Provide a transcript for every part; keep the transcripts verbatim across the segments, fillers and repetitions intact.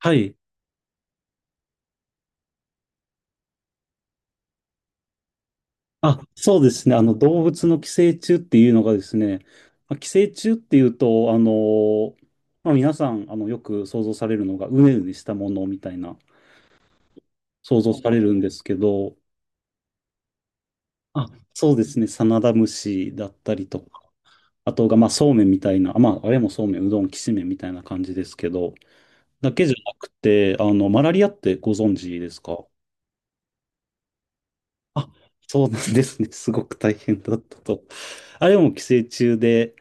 はい。あ、そうですね。あの、動物の寄生虫っていうのがですね、まあ寄生虫っていうと、あの、まあ、皆さん、あの、よく想像されるのが、うねうねしたものみたいな、想像されるんですけど、あ、そうですね。サナダムシだったりとか、あとが、まあ、そうめんみたいな、まあ、あれもそうめん、うどん、きしめんみたいな感じですけど、だけじゃなくて、あの、マラリアってご存知ですか？あ、そうなんですね。すごく大変だったと。あれも寄生虫で、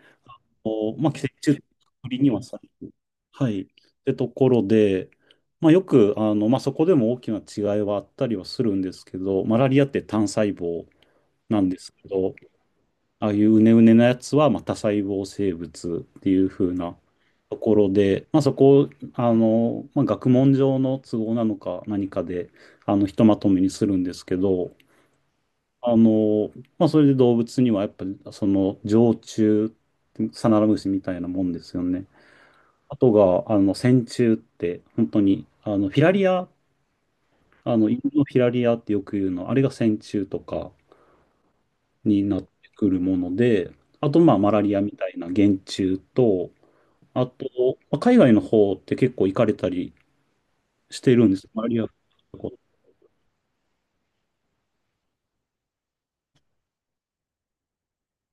お、まあ、寄生虫って隔にはされる。はい。ってところで、まあ、よく、あの、まあ、そこでも大きな違いはあったりはするんですけど、マラリアって単細胞なんですけど、ああいううねうねなやつは、まあ、多細胞生物っていう風なところで、まあ、そこ、あの、まあ、学問上の都合なのか何かで、あの、ひとまとめにするんですけど、あの、まあ、それで動物にはやっぱり、その、常虫、サナラムシみたいなもんですよね。あとが、あの、線虫って、本当に、あの、フィラリア、あの、犬のフィラリアってよく言うの、あれが線虫とかになってくるもので、あと、まあ、マラリアみたいな原虫と、あと、まあ海外の方って結構行かれたりしてるんです。マラリア。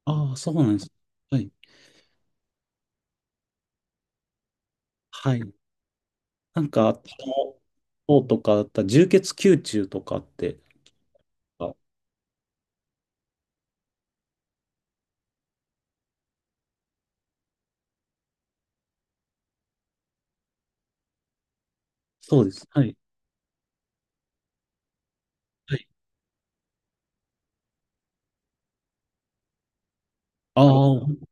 ああ、そうなんです。はい。はい。なんか、あの方とかだったら、充血球虫とかって、あ、そうです。はい。はい。ああ、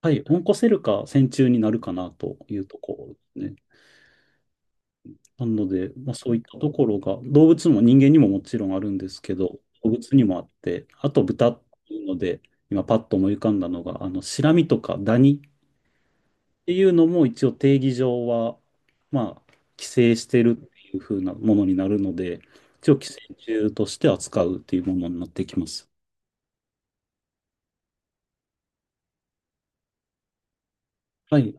はい、オンコセルカ線虫になるかなというところですね。なので、まあ、そういったところが、動物も人間にももちろんあるんですけど、動物にもあって、あと豚っていうので、今パッと思い浮かんだのが、あの、シラミとかダニっていうのも一応定義上は、まあ、寄生してるっていう風なものになるので、一応寄生虫として扱うっていうものになってきます。はい、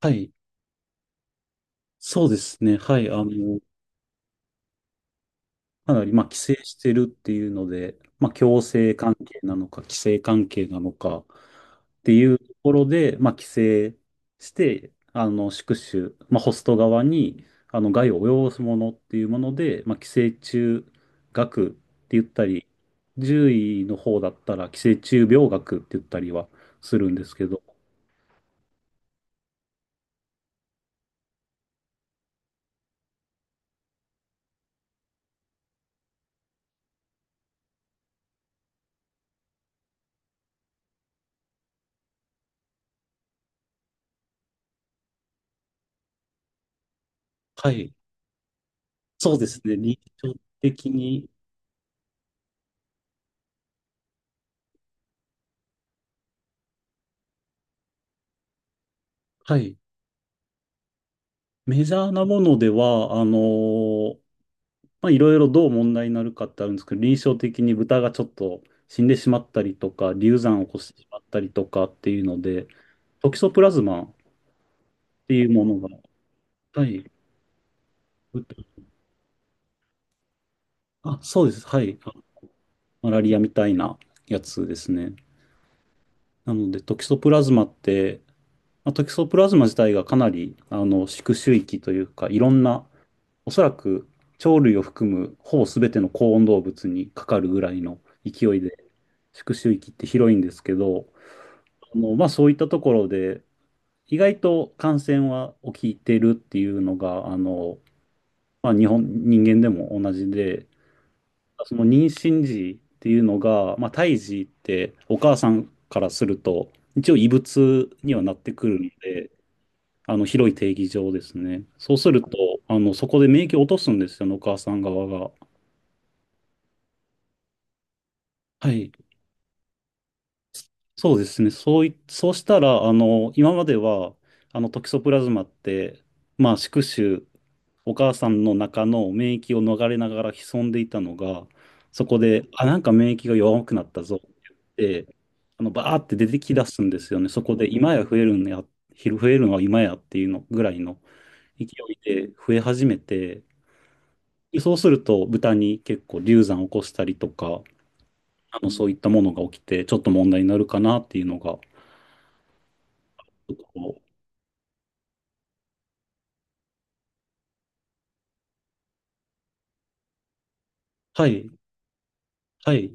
はい、そうですね、はい、あの、かなり、まあ、規制してるっていうので、まあ、強制関係なのか、規制関係なのかっていうところで、まあ、規制して、あの、宿主、まあ、ホスト側に、あの、害を及ぼすものっていうもので、まあ、寄生虫学って言ったり、獣医の方だったら寄生虫病学って言ったりはするんですけど、はい。そうですね。日常的に、はい。メジャーなものでは、あのまあ、いろいろどう問題になるかってあるんですけど、臨床的に豚がちょっと死んでしまったりとか、流産を起こしてしまったりとかっていうので、トキソプラズマっていうものが、はい、あ、そうです、はい、あ、マラリアみたいなやつですね。なので、トキソプラズマって、まあ、トキソプラズマ自体がかなりあの宿主域というか、いろんな、おそらく鳥類を含むほぼ全ての高温動物にかかるぐらいの勢いで、宿主域って広いんですけど、あの、まあ、そういったところで、意外と感染は起きてるっていうのが、あの、まあ、日本、人間でも同じで、その妊娠時っていうのが、まあ、胎児ってお母さんからすると、一応異物にはなってくるので、あの、広い定義上ですね。そうすると、あの、そこで免疫を落とすんですよね、お母さん側が。はい。そうですね。そうい、そうしたら、あの、今までは、あの、トキソプラズマって、まあ、宿主お母さんの中の免疫を逃れながら潜んでいたのが、そこで、あ、なんか免疫が弱くなったぞって言って、あの、バーって出てきだすんですよね。そこで、今や増えるんや、昼増えるのは今やっていうのぐらいの勢いで増え始めて、でそうすると、豚に結構流産を起こしたりとか、あの、そういったものが起きて、ちょっと問題になるかなっていうのが、ちょっとこう、はい、はい。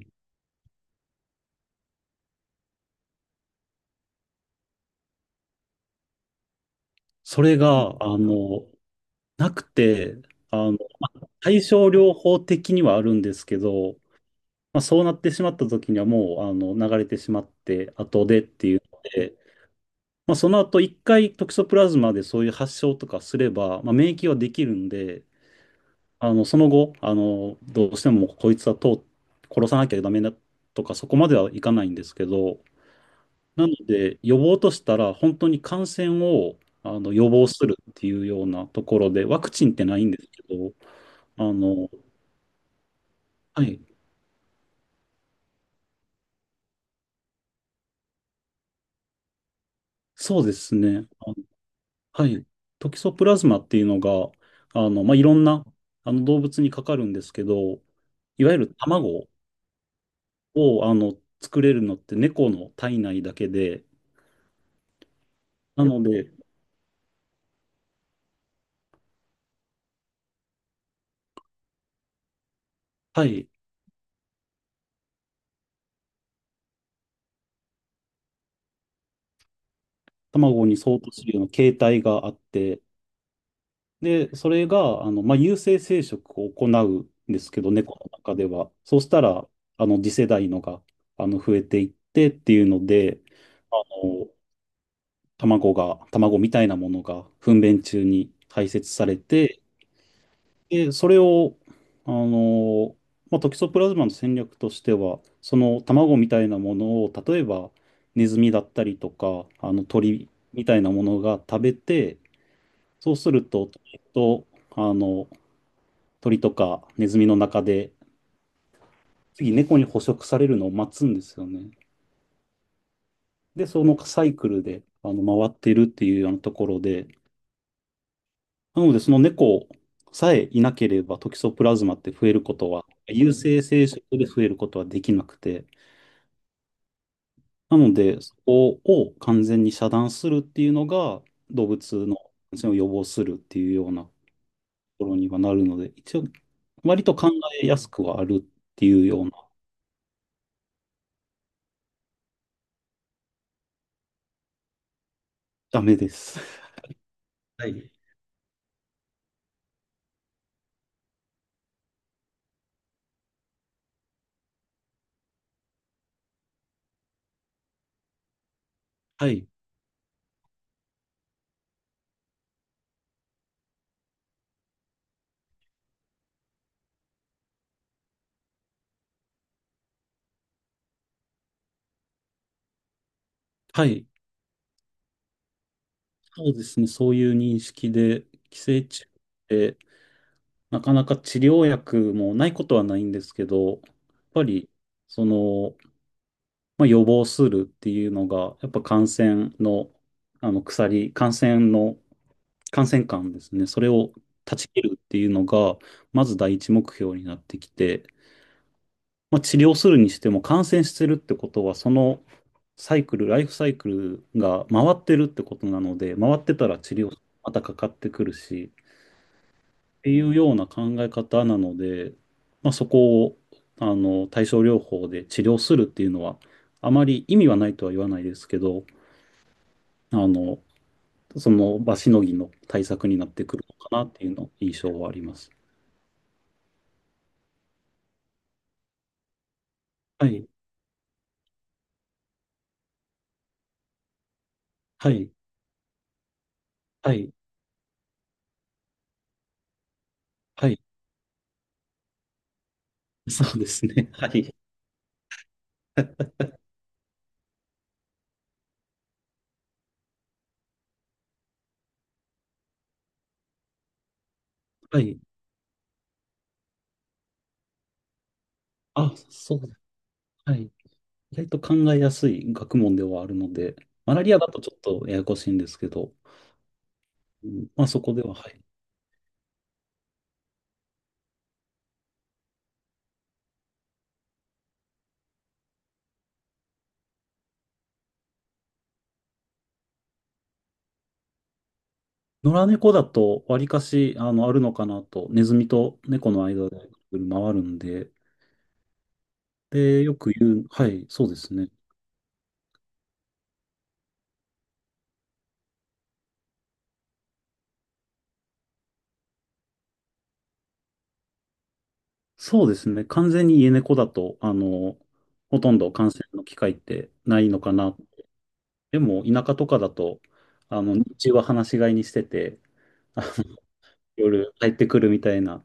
それが、あの、なくて、あの対症療法的にはあるんですけど、まあ、そうなってしまった時にはもうあの流れてしまって後でっていうので、まあ、その後一回トキソプラズマでそういう発症とかすれば、まあ、免疫はできるんで、あのその後あのどうしてもこいつはと殺さなきゃダメだとかそこまではいかないんですけど、なので予防としたら本当に感染をあの予防するっていうようなところで、ワクチンってないんですけど、あの、はい、そうですね。はい。トキソプラズマっていうのが、あの、まあ、いろんな、あの、動物にかかるんですけど、いわゆる卵を、あの、作れるのって猫の体内だけで、なので、はい、卵に相当するような形態があって、で、それが、あの、まあ、有性生殖を行うんですけど、猫の中では。そうしたら、あの、次世代のが、あの、増えていってっていうので、あの、卵が、卵みたいなものが糞便中に排泄されて、で、それを、あの、まあ、トキソプラズマの戦略としては、その卵みたいなものを、例えばネズミだったりとか、あの鳥みたいなものが食べて、そうすると、えっと、あの、鳥とかネズミの中で、次猫に捕食されるのを待つんですよね。で、そのサイクルで、あの、回ってるっていうようなところで、なので、その猫さえいなければ、トキソプラズマって増えることは、有性生殖で増えることはできなくて、なので、そこを完全に遮断するっていうのが、動物の感染を予防するっていうようなところにはなるので、一応、割と考えやすくはあるっていうような、ダメです。はい。はい。そうですね。そういう認識で、寄生虫ってなかなか治療薬もないことはないんですけど、やっぱり、その、まあ、予防するっていうのが、やっぱ感染の、あの鎖、感染の、感染感ですね。それを断ち切るっていうのが、まず第一目標になってきて、まあ、治療するにしても感染してるってことは、そのサイクル、ライフサイクルが回ってるってことなので、回ってたら治療、またかかってくるし、っていうような考え方なので、まあ、そこを、あの、対症療法で治療するっていうのは、あまり意味はないとは言わないですけど、あの、その場しのぎの対策になってくるのかなっていうの印象はあります。はい、はい、はい、はい、そうですね。はい、はい。あ、そうだ。はい。意外と考えやすい学問ではあるので、マラリアだとちょっとややこしいんですけど、うん、まあそこでは、はい。野良猫だと、わりかし、あの、あるのかなと、ネズミと猫の間で回るんで、で、よく言う、はい、そうですね。そうですね。完全に家猫だと、あの、ほとんど感染の機会ってないのかな。でも、田舎とかだと、あの、日中は放し飼いにしてて、あの夜帰ってくるみたいな、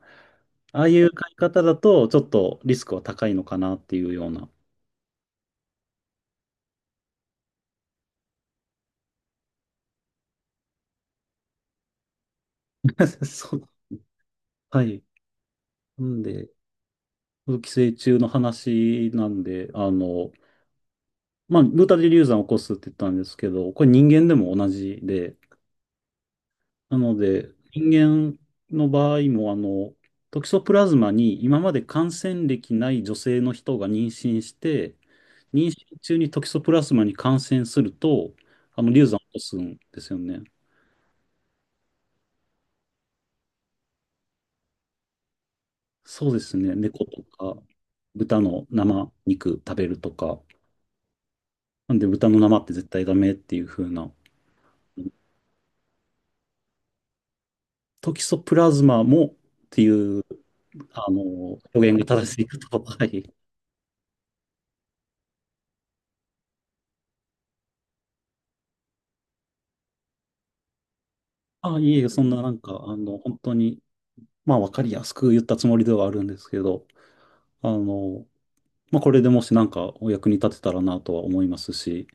ああいう飼い方だと、ちょっとリスクは高いのかなっていうような。そう。はい。なんで、寄生虫の話なんで、あの、まあ、ブータ・デリューザンを起こすって言ったんですけど、これ人間でも同じで、なので、人間の場合も、あの、トキソプラズマに今まで感染歴ない女性の人が妊娠して、妊娠中にトキソプラズマに感染すると、あの、流産を起こすんですよね。そうですね。猫とか、豚の生肉食べるとか。なんで、豚の生って絶対ダメっていう風な。トキソプラズマもっていう、あの、表現が正しいかと。はい。あ、いえいえ、そんななんか、あの、本当に、まあ、わかりやすく言ったつもりではあるんですけど、あの、まあ、これでもしなんかお役に立てたらなとは思いますし、